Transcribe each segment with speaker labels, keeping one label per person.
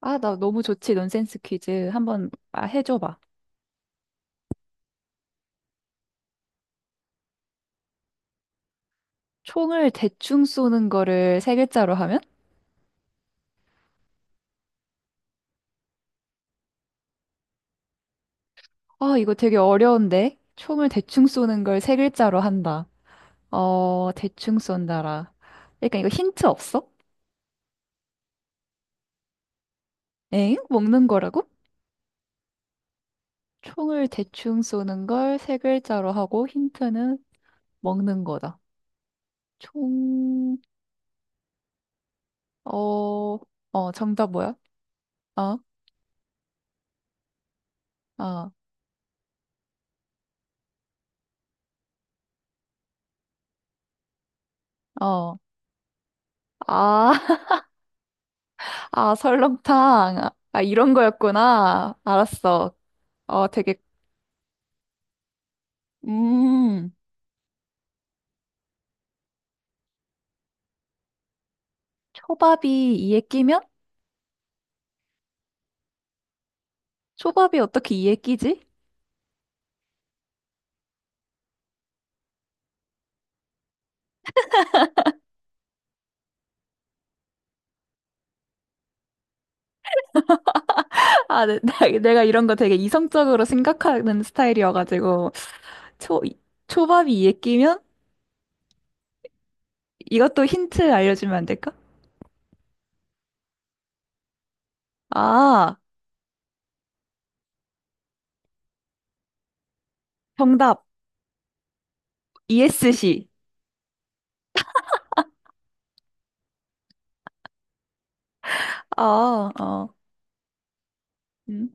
Speaker 1: 아, 나 너무 좋지. 논센스 퀴즈 한번 해줘봐. 총을 대충 쏘는 거를 세 글자로 하면? 아, 이거 되게 어려운데. 총을 대충 쏘는 걸 세 글자로 한다. 대충 쏜다라. 그러니까 이거 힌트 없어? 엥? 먹는 거라고? 총을 대충 쏘는 걸 세 글자로 하고 힌트는 먹는 거다. 총, 어, 정답 뭐야? 어, 어, 어. 아, 아, 설렁탕. 아, 이런 거였구나. 알았어. 어, 되게, 음, 초밥이 이에 끼면? 초밥이 어떻게 이에 끼지? 아, 내가 이런 거 되게 이성적으로 생각하는 스타일이어가지고, 초, 초밥이 이에 끼면? 이것도 힌트 알려주면 안 될까? 아, 정답. ESC. 아, 어, 음.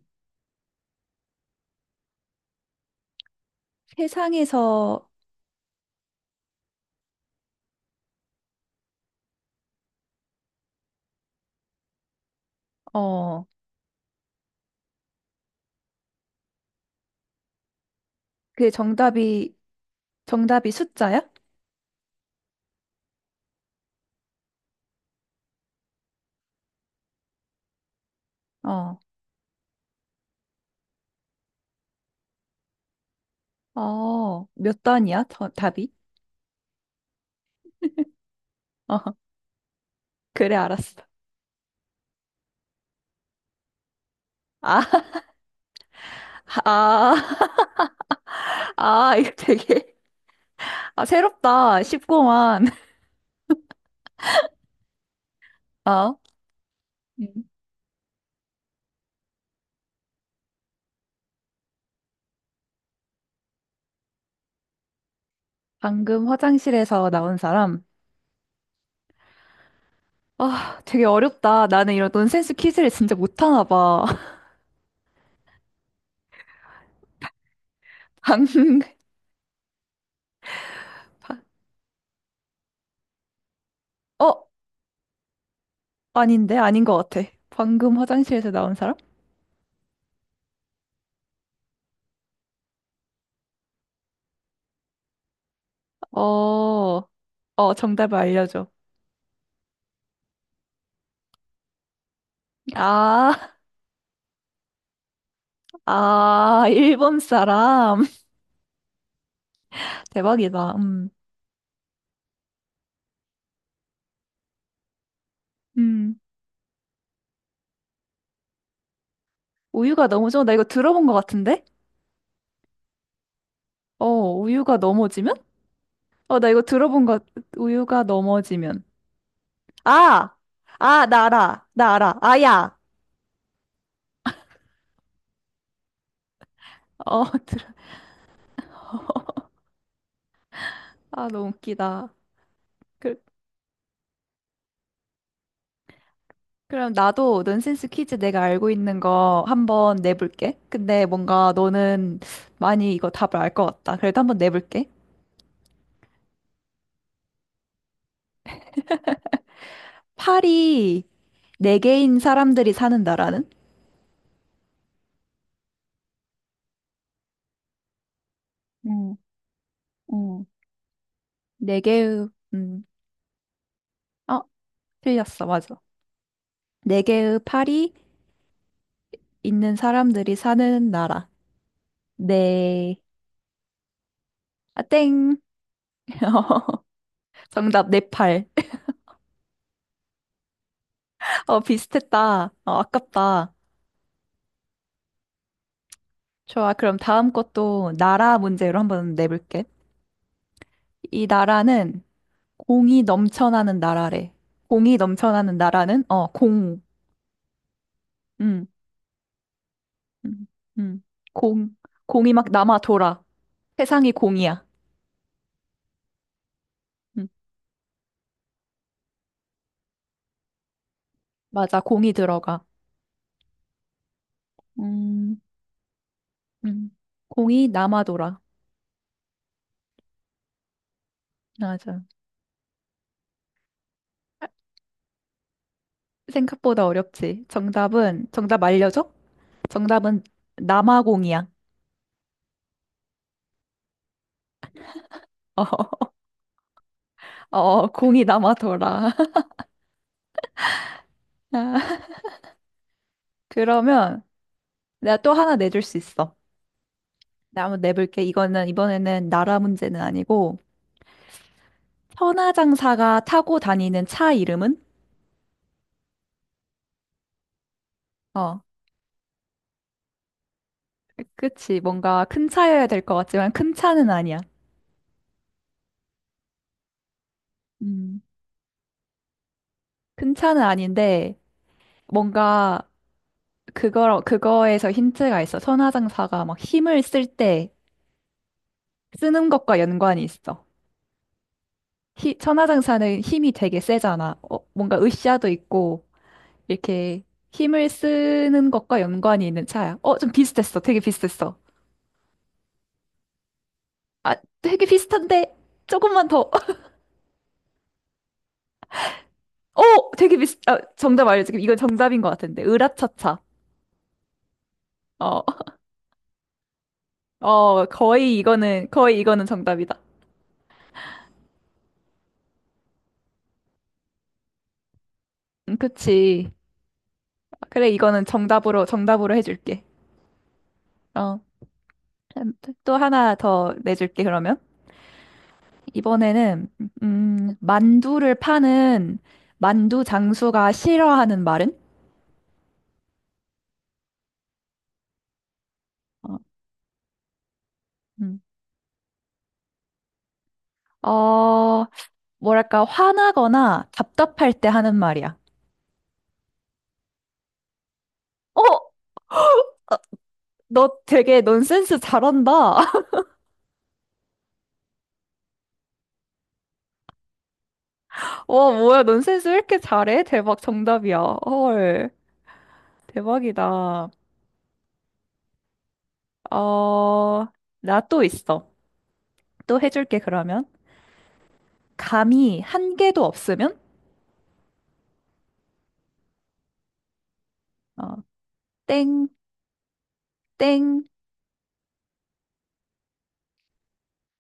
Speaker 1: 세상에서, 어, 그 정답이, 정답이 숫자야? 어. 어, 몇 단이야? 더- 답이? 어, 그래, 알았어. 아, 아, 아, 이거 되게, 아, 새롭다. 쉽구만. 어? 음. 방금 화장실에서 나온 사람. 아, 되게 어렵다. 나는 이런 논센스 퀴즈를 진짜 못하나 봐. 방금, 방- 어? 아닌데? 아닌 것 같아. 방금 화장실에서 나온 사람? 어, 정답을 알려줘. 아, 아, 일본 사람. 대박이다. 음. 우유가 넘어져? 나 이거 들어본 것 같은데? 어, 우유가 넘어지면? 어, 나 이거 들어본 것, 우유가 넘어지면. 아! 아, 나 알아. 아야! 어, 들어. 아, 너무 웃기다. 그, 그럼 나도 넌센스 퀴즈 내가 알고 있는 거 한번 내볼게. 근데 뭔가 너는 많이 이거 답을 알 것 같다. 그래도 한번 내볼게. 팔이 네 개인 사람들이 사는 나라는? 음, 음. 네 개의, 음, 어, 틀렸어. 맞아. 네 개의 팔이 있는 사람들이 사는 나라. 네. 아, 땡. 정답, 네팔. 어, 비슷했다. 어, 아깝다. 좋아. 그럼 다음 것도 나라 문제로 한번 내볼게. 이 나라는 공이 넘쳐나는 나라래. 공이 넘쳐나는 나라는, 어, 공. 음, 음, 음. 공. 공이 막 남아 돌아. 세상이 공이야. 음, 맞아. 공이 들어가. 음, 음. 공이 남아 돌아. 맞아. 생각보다 어렵지. 정답은, 정답 알려줘? 정답은 남아공이야. 어, 공이 남아돌아. 그러면 내가 또 하나 내줄 수 있어. 내가 한번 내볼게. 이거는 이번에는 나라 문제는 아니고 천하장사가 타고 다니는 차 이름은? 어, 그치. 뭔가 큰 차여야 될 것 같지만 큰 차는 아니야. 음, 큰 차는 아닌데 뭔가 그거에서 힌트가 있어. 선화장사가 막 힘을 쓸 때 쓰는 것과 연관이 있어. 히, 천하장사는 힘이 되게 세잖아. 어, 뭔가 으쌰도 있고, 이렇게 힘을 쓰는 것과 연관이 있는 차야. 어, 좀 비슷했어. 되게 비슷했어. 아, 되게 비슷한데, 조금만 더. 어, 되게 비슷, 아, 정답 알려줄게. 이건 정답인 것 같은데. 으라차차. 어, 어, 거의 이거는 정답이다. 그치. 그래, 이거는 정답으로 해줄게. 어, 또 하나 더 내줄게, 그러면. 이번에는 음, 만두를 파는 만두 장수가 싫어하는 말은? 어, 음. 어, 뭐랄까 화나거나 답답할 때 하는 말이야. 어, 너 되게 논센스 잘한다. 와, 뭐야, 논센스 왜 이렇게 잘해? 대박 정답이야. 헐, 대박이다. 어, 나 또 있어. 또 해줄게 그러면. 감이 한 개도 없으면? 어, 땡, 땡.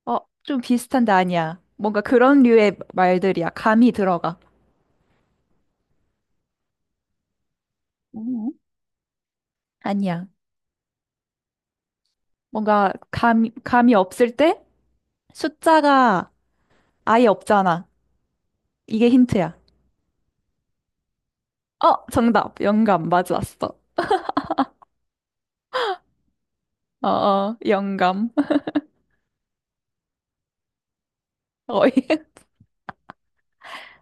Speaker 1: 어, 좀 비슷한데 아니야. 뭔가 그런 류의 말들이야. 감이 들어가. 음. 아니야. 뭔가 감이 없을 때 숫자가 아예 없잖아. 이게 힌트야. 어, 정답. 영감. 맞았어. 어, 영감. 어이.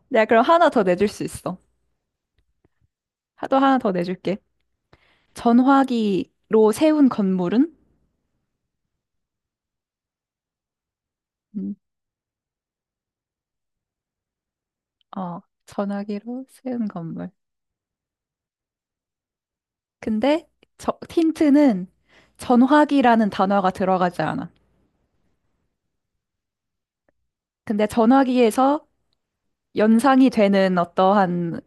Speaker 1: 내가 그럼 하나 더 내줄 수 있어. 또 하나 더 내줄게. 전화기로 세운 건물은? 음. 어, 전화기로 세운 건물. 근데 저, 힌트는 전화기라는 단어가 들어가지 않아. 근데 전화기에서 연상이 되는 어떠한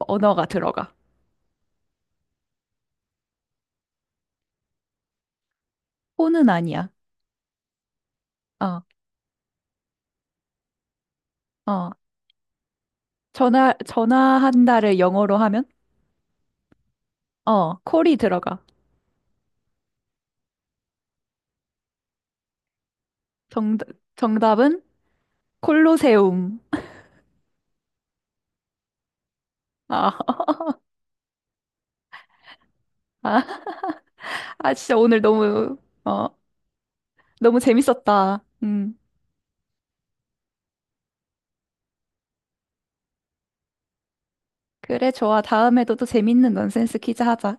Speaker 1: 언어가 들어가. 폰은 아니야. 어, 어. 전화한다를 영어로 하면? 어, 콜이 들어가. 정, 정답은 콜로세움. 아, 아, 아, 진짜 오늘 너무, 어, 너무 재밌었다. 음. 그래, 좋아. 다음에도 또 재밌는 넌센스 퀴즈 하자.